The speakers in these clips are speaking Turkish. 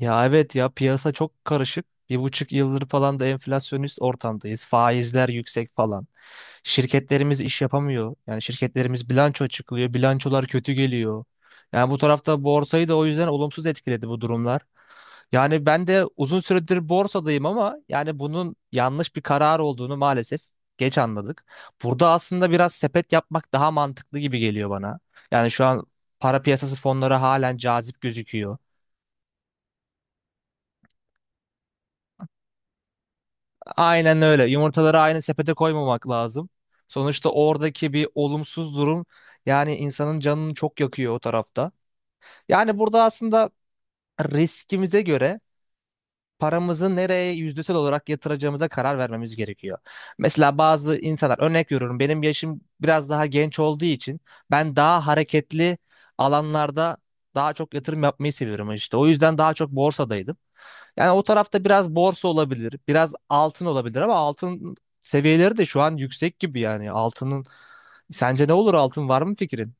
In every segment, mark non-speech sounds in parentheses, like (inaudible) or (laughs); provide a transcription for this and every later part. Ya evet ya piyasa çok karışık. 1,5 yıldır falan da enflasyonist ortamdayız. Faizler yüksek falan. Şirketlerimiz iş yapamıyor. Yani şirketlerimiz bilanço açıklıyor. Bilançolar kötü geliyor. Yani bu tarafta borsayı da o yüzden olumsuz etkiledi bu durumlar. Yani ben de uzun süredir borsadayım ama yani bunun yanlış bir karar olduğunu maalesef geç anladık. Burada aslında biraz sepet yapmak daha mantıklı gibi geliyor bana. Yani şu an para piyasası fonları halen cazip gözüküyor. Aynen öyle. Yumurtaları aynı sepete koymamak lazım. Sonuçta oradaki bir olumsuz durum yani insanın canını çok yakıyor o tarafta. Yani burada aslında riskimize göre paramızı nereye yüzdesel olarak yatıracağımıza karar vermemiz gerekiyor. Mesela bazı insanlar örnek veriyorum benim yaşım biraz daha genç olduğu için ben daha hareketli alanlarda daha çok yatırım yapmayı seviyorum işte. O yüzden daha çok borsadaydım. Yani o tarafta biraz borsa olabilir, biraz altın olabilir ama altın seviyeleri de şu an yüksek gibi yani. Altının sence ne olur altın var mı fikrin?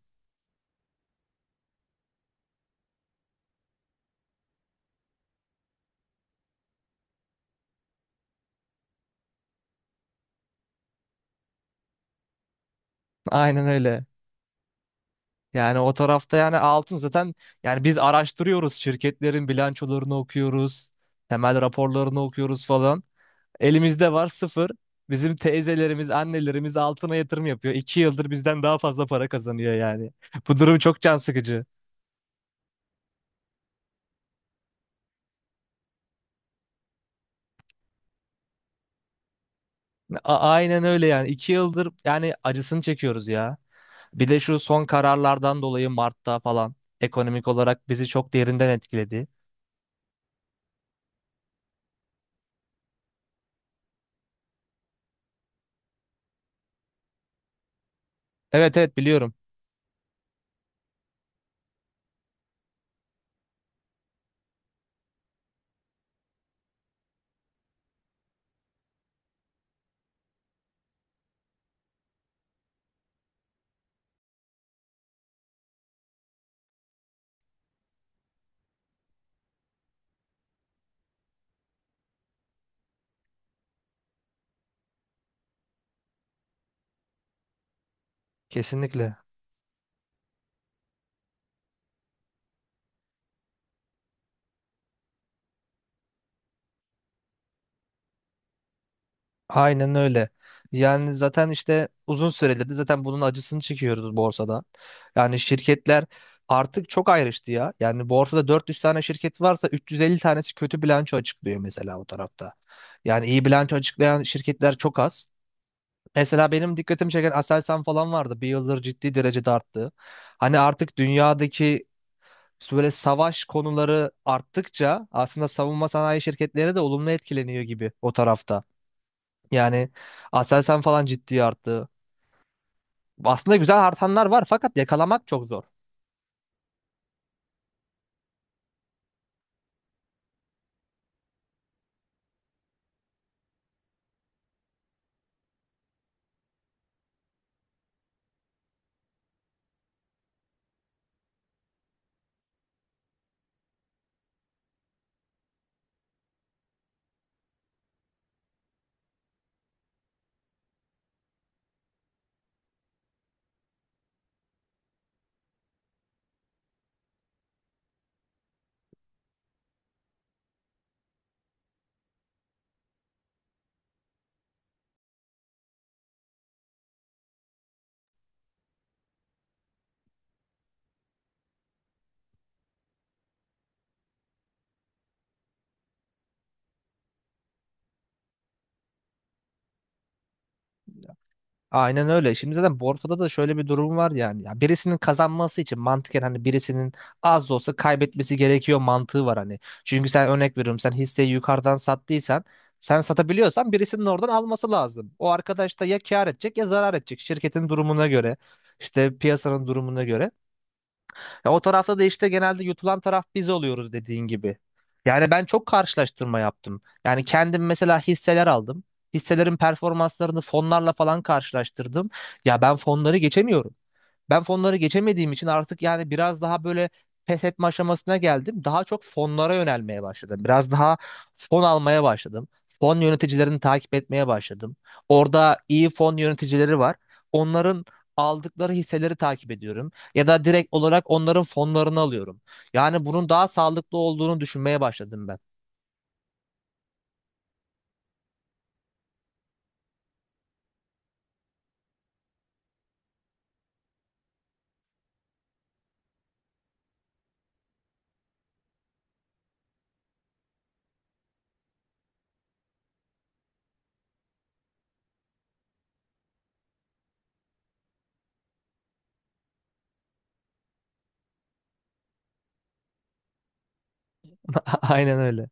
(laughs) Aynen öyle. Yani o tarafta yani altın zaten yani biz araştırıyoruz şirketlerin bilançolarını okuyoruz, temel raporlarını okuyoruz falan. Elimizde var sıfır. Bizim teyzelerimiz, annelerimiz altına yatırım yapıyor. 2 yıldır bizden daha fazla para kazanıyor yani. (laughs) Bu durum çok can sıkıcı. Aynen öyle yani. 2 yıldır yani acısını çekiyoruz ya. Bir de şu son kararlardan dolayı Mart'ta falan ekonomik olarak bizi çok derinden etkiledi. Evet, evet, biliyorum. Kesinlikle. Aynen öyle. Yani zaten işte uzun süredir de zaten bunun acısını çekiyoruz borsada. Yani şirketler artık çok ayrıştı ya. Yani borsada 400 tane şirket varsa 350 tanesi kötü bilanço açıklıyor mesela o tarafta. Yani iyi bilanço açıklayan şirketler çok az. Mesela benim dikkatimi çeken Aselsan falan vardı. 1 yıldır ciddi derecede arttı. Hani artık dünyadaki İşte böyle savaş konuları arttıkça aslında savunma sanayi şirketleri de olumlu etkileniyor gibi o tarafta. Yani Aselsan falan ciddi arttı. Aslında güzel artanlar var fakat yakalamak çok zor. Aynen öyle. Şimdi zaten borsada da şöyle bir durum var yani. Ya birisinin kazanması için mantıken hani birisinin az da olsa kaybetmesi gerekiyor mantığı var hani. Çünkü sen örnek veriyorum sen hisseyi yukarıdan sattıysan sen satabiliyorsan birisinin oradan alması lazım. O arkadaş da ya kâr edecek ya zarar edecek şirketin durumuna göre. İşte piyasanın durumuna göre. Ya o tarafta da işte genelde yutulan taraf biz oluyoruz dediğin gibi. Yani ben çok karşılaştırma yaptım. Yani kendim mesela hisseler aldım. Hisselerin performanslarını fonlarla falan karşılaştırdım. Ya ben fonları geçemiyorum. Ben fonları geçemediğim için artık yani biraz daha böyle pes etme aşamasına geldim. Daha çok fonlara yönelmeye başladım. Biraz daha fon almaya başladım. Fon yöneticilerini takip etmeye başladım. Orada iyi fon yöneticileri var. Onların aldıkları hisseleri takip ediyorum. Ya da direkt olarak onların fonlarını alıyorum. Yani bunun daha sağlıklı olduğunu düşünmeye başladım ben. (laughs) Aynen öyle.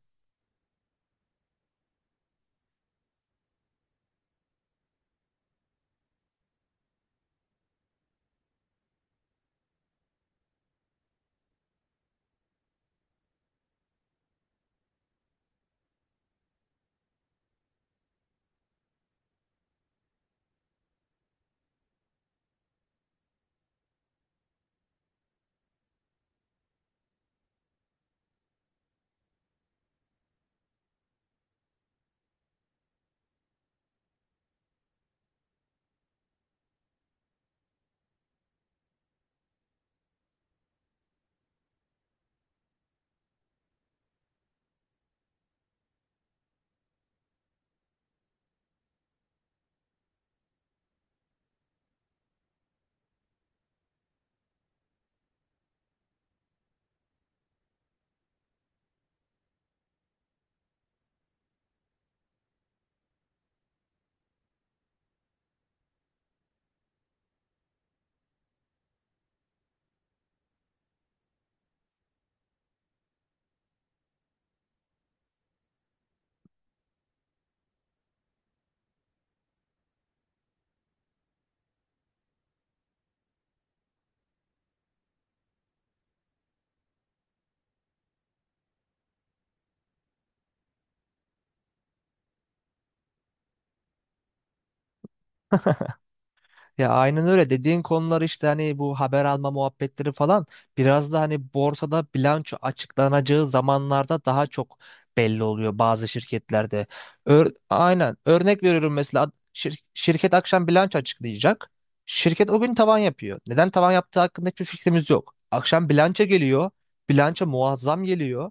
Ya aynen öyle dediğin konular işte hani bu haber alma muhabbetleri falan biraz da hani borsada bilanço açıklanacağı zamanlarda daha çok belli oluyor bazı şirketlerde. Aynen örnek veriyorum mesela şirket akşam bilanço açıklayacak. Şirket o gün tavan yapıyor. Neden tavan yaptığı hakkında hiçbir fikrimiz yok. Akşam bilanço geliyor. Bilanço muazzam geliyor.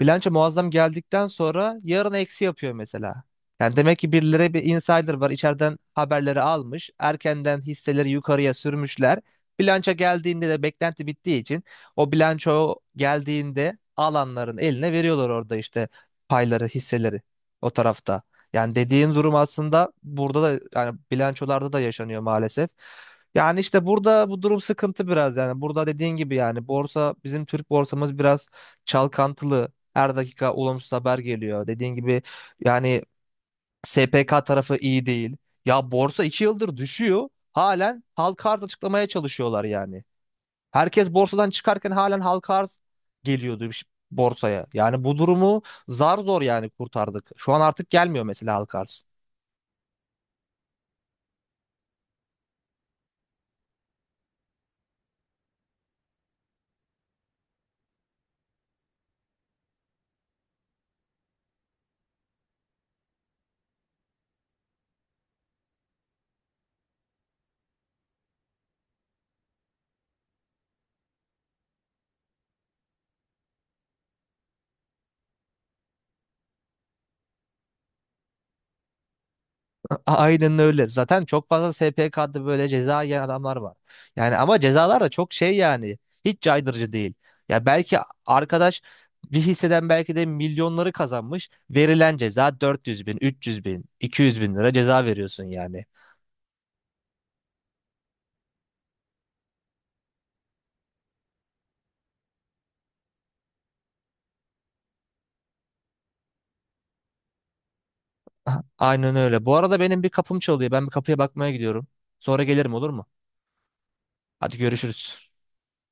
Bilanço muazzam geldikten sonra yarın eksi yapıyor mesela. Yani demek ki birileri bir insider var içeriden haberleri almış. Erkenden hisseleri yukarıya sürmüşler. Bilanço geldiğinde de beklenti bittiği için o bilanço geldiğinde alanların eline veriyorlar orada işte payları, hisseleri o tarafta. Yani dediğin durum aslında burada da yani bilançolarda da yaşanıyor maalesef. Yani işte burada bu durum sıkıntı biraz yani. Burada dediğin gibi yani borsa bizim Türk borsamız biraz çalkantılı. Her dakika olumsuz haber geliyor. Dediğin gibi yani SPK tarafı iyi değil. Ya borsa 2 yıldır düşüyor. Halen halka arz açıklamaya çalışıyorlar yani. Herkes borsadan çıkarken halen halka arz geliyordu borsaya. Yani bu durumu zar zor yani kurtardık. Şu an artık gelmiyor mesela halka arz. Aynen öyle. Zaten çok fazla SPK'da böyle ceza yiyen adamlar var. Yani ama cezalar da çok şey yani. Hiç caydırıcı değil. Ya belki arkadaş bir hisseden belki de milyonları kazanmış. Verilen ceza 400 bin, 300 bin, 200 bin lira ceza veriyorsun yani. Aynen öyle. Bu arada benim bir kapım çalıyor. Ben bir kapıya bakmaya gidiyorum. Sonra gelirim olur mu? Hadi görüşürüz.